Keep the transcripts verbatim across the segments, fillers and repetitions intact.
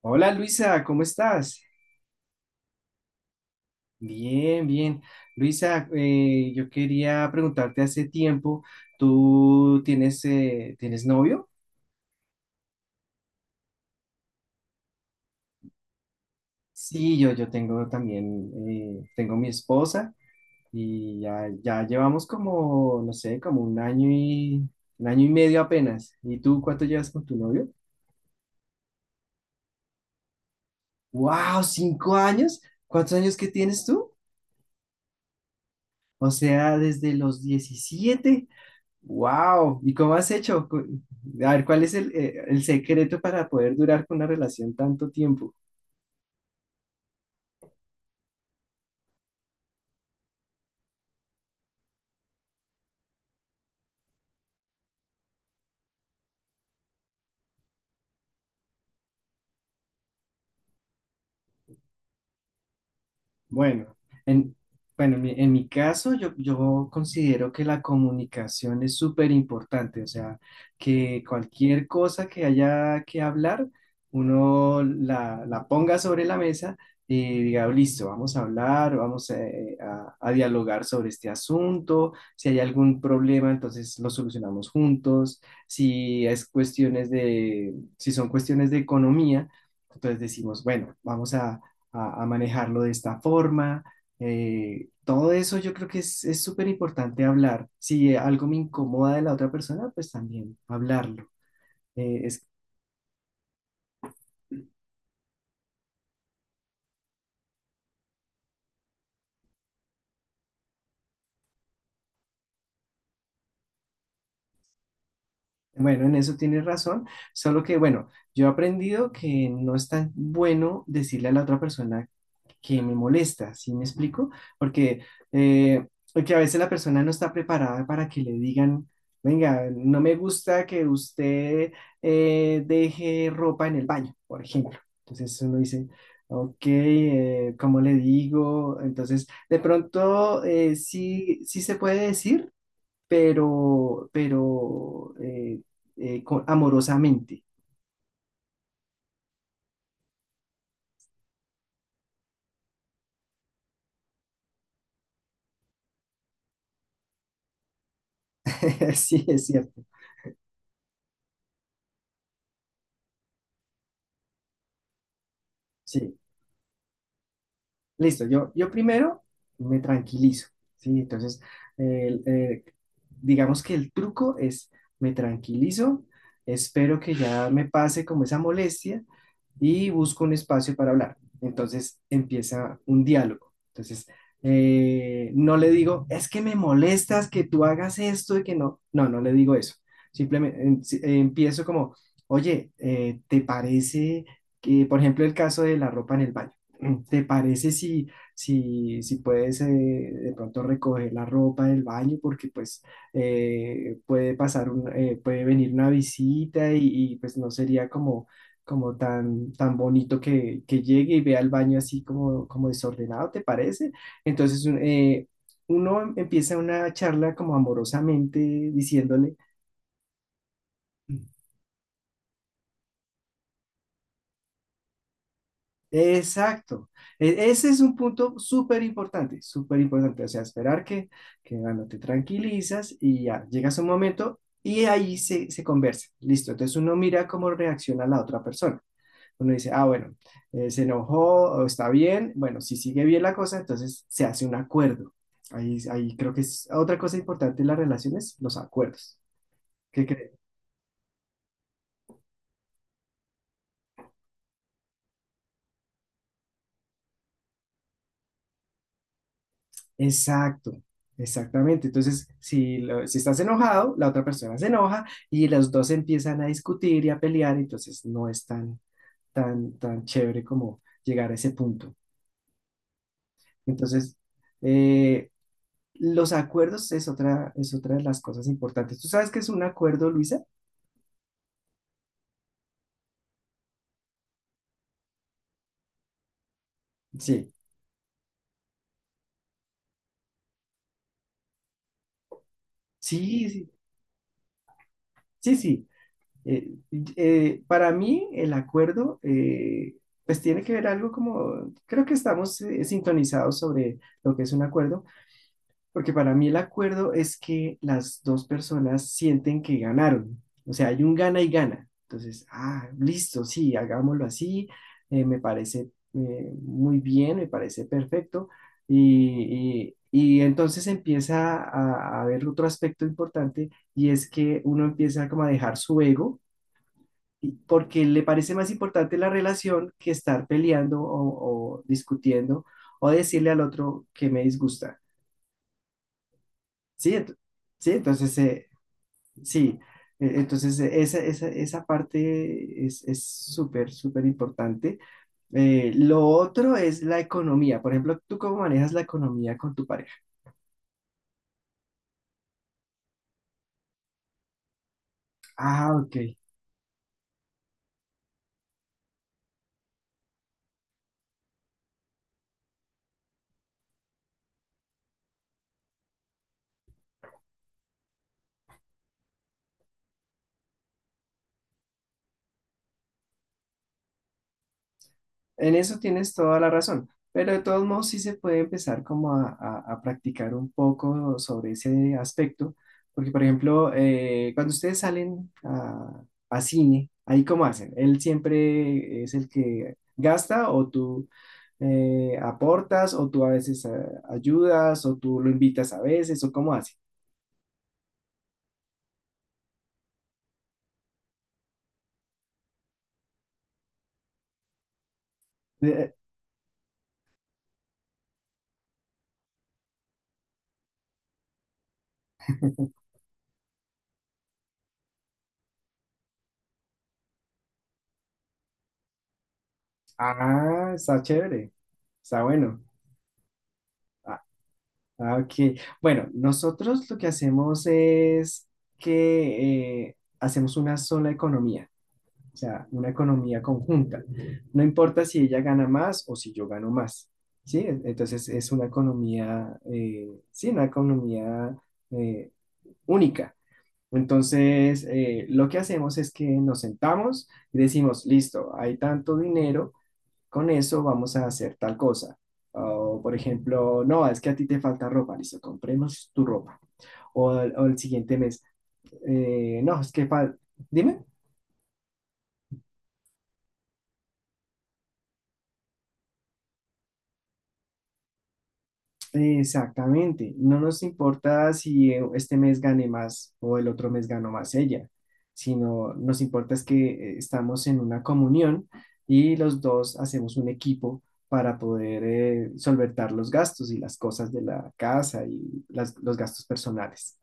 Hola, Luisa, ¿cómo estás? Bien, bien. Luisa, eh, yo quería preguntarte hace tiempo, ¿tú tienes, eh, ¿tienes novio? Sí, yo, yo tengo también, eh, tengo mi esposa y ya, ya llevamos como, no sé, como un año y, un año y medio apenas. ¿Y tú cuánto llevas con tu novio? ¡Wow! ¿Cinco años? ¿Cuántos años que tienes tú? O sea, desde los diecisiete. Wow, ¿y cómo has hecho? Cu- A ver, ¿cuál es el, eh, el secreto para poder durar con una relación tanto tiempo? Bueno, en, bueno, en mi, en mi caso yo, yo considero que la comunicación es súper importante, o sea, que cualquier cosa que haya que hablar, uno la, la ponga sobre la mesa y diga, listo, vamos a hablar, vamos eh, a, a dialogar sobre este asunto. Si hay algún problema, entonces lo solucionamos juntos. Si es cuestiones de, si son cuestiones de economía, entonces decimos, bueno, vamos a, a manejarlo de esta forma. Eh, todo eso yo creo que es, es súper importante hablar. Si algo me incomoda de la otra persona, pues también hablarlo. Eh, es, bueno, en eso tienes razón, solo que bueno, yo he aprendido que no es tan bueno decirle a la otra persona que me molesta, ¿sí me explico? Porque, eh, porque a veces la persona no está preparada para que le digan, venga, no me gusta que usted eh, deje ropa en el baño, por ejemplo. Entonces uno dice, ok, eh, ¿cómo le digo? Entonces, de pronto eh, sí, sí se puede decir, pero, pero eh, eh, co- amorosamente. Sí, es cierto. Sí. Listo, yo, yo primero me tranquilizo, ¿sí? Entonces, el- eh, digamos que el truco es, me tranquilizo, espero que ya me pase como esa molestia y busco un espacio para hablar. Entonces empieza un diálogo. Entonces, eh, no le digo, es que me molestas que tú hagas esto y que no, no, no le digo eso. Simplemente em- si- eh, empiezo como, oye, eh, ¿te parece que, por ejemplo, el caso de la ropa en el baño? ¿Te parece si, si, si puedes eh, de pronto recoger la ropa del baño? Porque pues eh, puede pasar un, eh, puede venir una visita y, y, pues no sería como, como tan, tan bonito que, que llegue y vea el baño así como, como desordenado, ¿te parece? Entonces un- eh, uno empieza una charla como amorosamente diciéndole... Exacto. E- Ese es un punto súper importante, súper importante. O sea, esperar que, que bueno, te tranquilizas y ya llegas a un momento y ahí se, se conversa. Listo. Entonces uno mira cómo reacciona la otra persona. Uno dice, ah, bueno, eh, se enojó o está bien. Bueno, si sigue bien la cosa, entonces se hace un acuerdo. Ahí, ahí creo que es otra cosa importante en las relaciones, los acuerdos. ¿Qué crees? Exacto, exactamente. Entonces, si, lo- si estás enojado, la otra persona se enoja y los dos empiezan a discutir y a pelear, entonces no es tan, tan, tan chévere como llegar a ese punto. Entonces, eh, los acuerdos es otra, es otra de las cosas importantes. ¿Tú sabes qué es un acuerdo, Luisa? Sí, sí, sí, sí, sí. Eh, eh, para mí, el acuerdo, eh, pues tiene que ver algo como, creo que estamos eh, sintonizados sobre lo que es un acuerdo. Porque para mí el acuerdo es que las dos personas sienten que ganaron. O sea, hay un gana y gana. Entonces, ah, listo, sí, hagámoslo así. eh, me parece eh, muy bien, me parece perfecto. Y, y- y entonces empieza a, a haber otro aspecto importante, y es que uno empieza como a dejar su ego y- porque le parece más importante la relación que estar peleando o o discutiendo o decirle al otro que me disgusta. Sí, ent- sí, entonces, eh, sí, eh, entonces eh, esa, esa, esa parte es, es súper, súper importante. Eh, lo otro es la economía. Por ejemplo, ¿tú cómo manejas la economía con tu pareja? Ah, ok. En eso tienes toda la razón, pero de todos modos sí se puede empezar como a, a- a practicar un poco sobre ese aspecto, porque por ejemplo, eh, cuando ustedes salen a, a cine, ahí cómo hacen, él siempre es el que gasta o tú eh, aportas o tú a veces eh, ayudas o tú lo invitas a veces o cómo hace. Eh, ah, está chévere, está bueno. Ah, ok, bueno, nosotros lo que hacemos es que eh, hacemos una sola economía, o sea, una economía conjunta. No importa si ella gana más o si yo gano más, ¿sí? En- Entonces es una economía, eh, sí, una economía eh, única. Entonces, eh, lo que hacemos es que nos sentamos y decimos, listo, hay tanto dinero, con eso vamos a hacer tal cosa. O, por ejemplo, no, es que a ti te falta ropa, listo, compremos tu ropa. O, o el siguiente mes, eh, no, es que, fal- dime, exactamente. No nos importa si eh, este mes gane más o el otro mes ganó más ella, sino nos importa es que eh, estamos en una comunión y los dos hacemos un equipo para poder eh, solventar los gastos y las cosas de la casa y las- los gastos personales.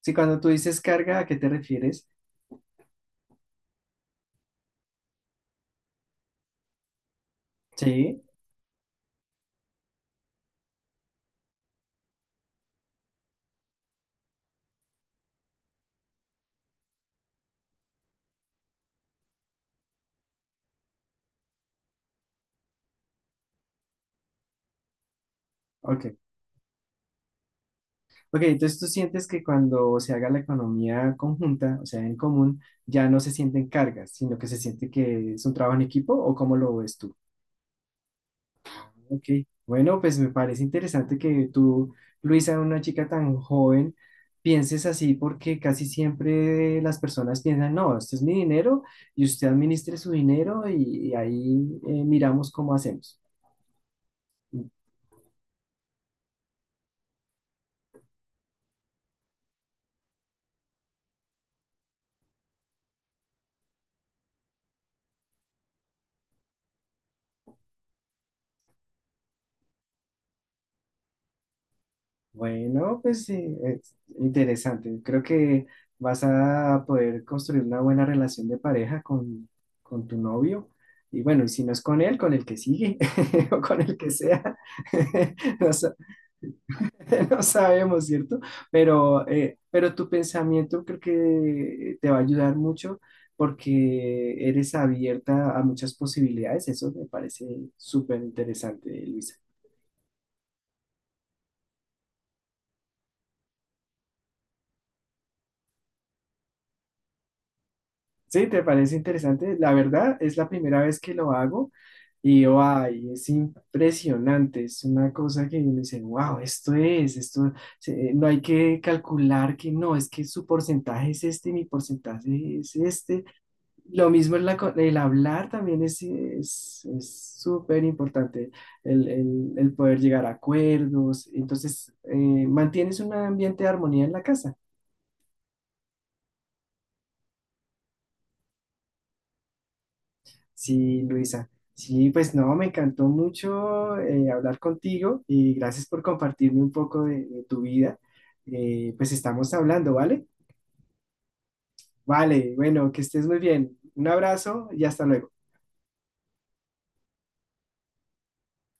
Sí, cuando tú dices carga, ¿a qué te refieres? Sí, ok. Ok, entonces tú sientes que cuando se haga la economía conjunta, o sea, en común, ya no se sienten cargas, sino que se siente que es un trabajo en equipo, ¿o cómo lo ves tú? Ok, bueno, pues me parece interesante que tú, Luisa, una chica tan joven, pienses así, porque casi siempre las personas piensan, no, este es mi dinero y usted administre su dinero, y, y ahí eh, miramos cómo hacemos. Bueno, pues sí, es interesante. Creo que vas a poder construir una buena relación de pareja con, con tu novio. Y bueno, y si no es con él, con el que sigue o con el que sea. No sé, no sabemos, ¿cierto? Pero, eh, pero tu pensamiento creo que te va a ayudar mucho porque eres abierta a muchas posibilidades. Eso me parece súper interesante, Luisa. Sí, ¿te parece interesante? La verdad, es la primera vez que lo hago y ay, es impresionante. Es una cosa que uno dice, wow, esto es, esto, se- no hay que calcular que no, es que su porcentaje es este, mi porcentaje es este. Lo mismo es la co- el hablar también es es es súper importante, el, el- el poder llegar a acuerdos. Entonces, eh, mantienes un ambiente de armonía en la casa. Sí, Luisa. Sí, pues no, me encantó mucho eh, hablar contigo, y gracias por compartirme un poco de, de tu vida. Eh, pues estamos hablando, ¿vale? Vale, bueno, que estés muy bien. Un abrazo y hasta luego.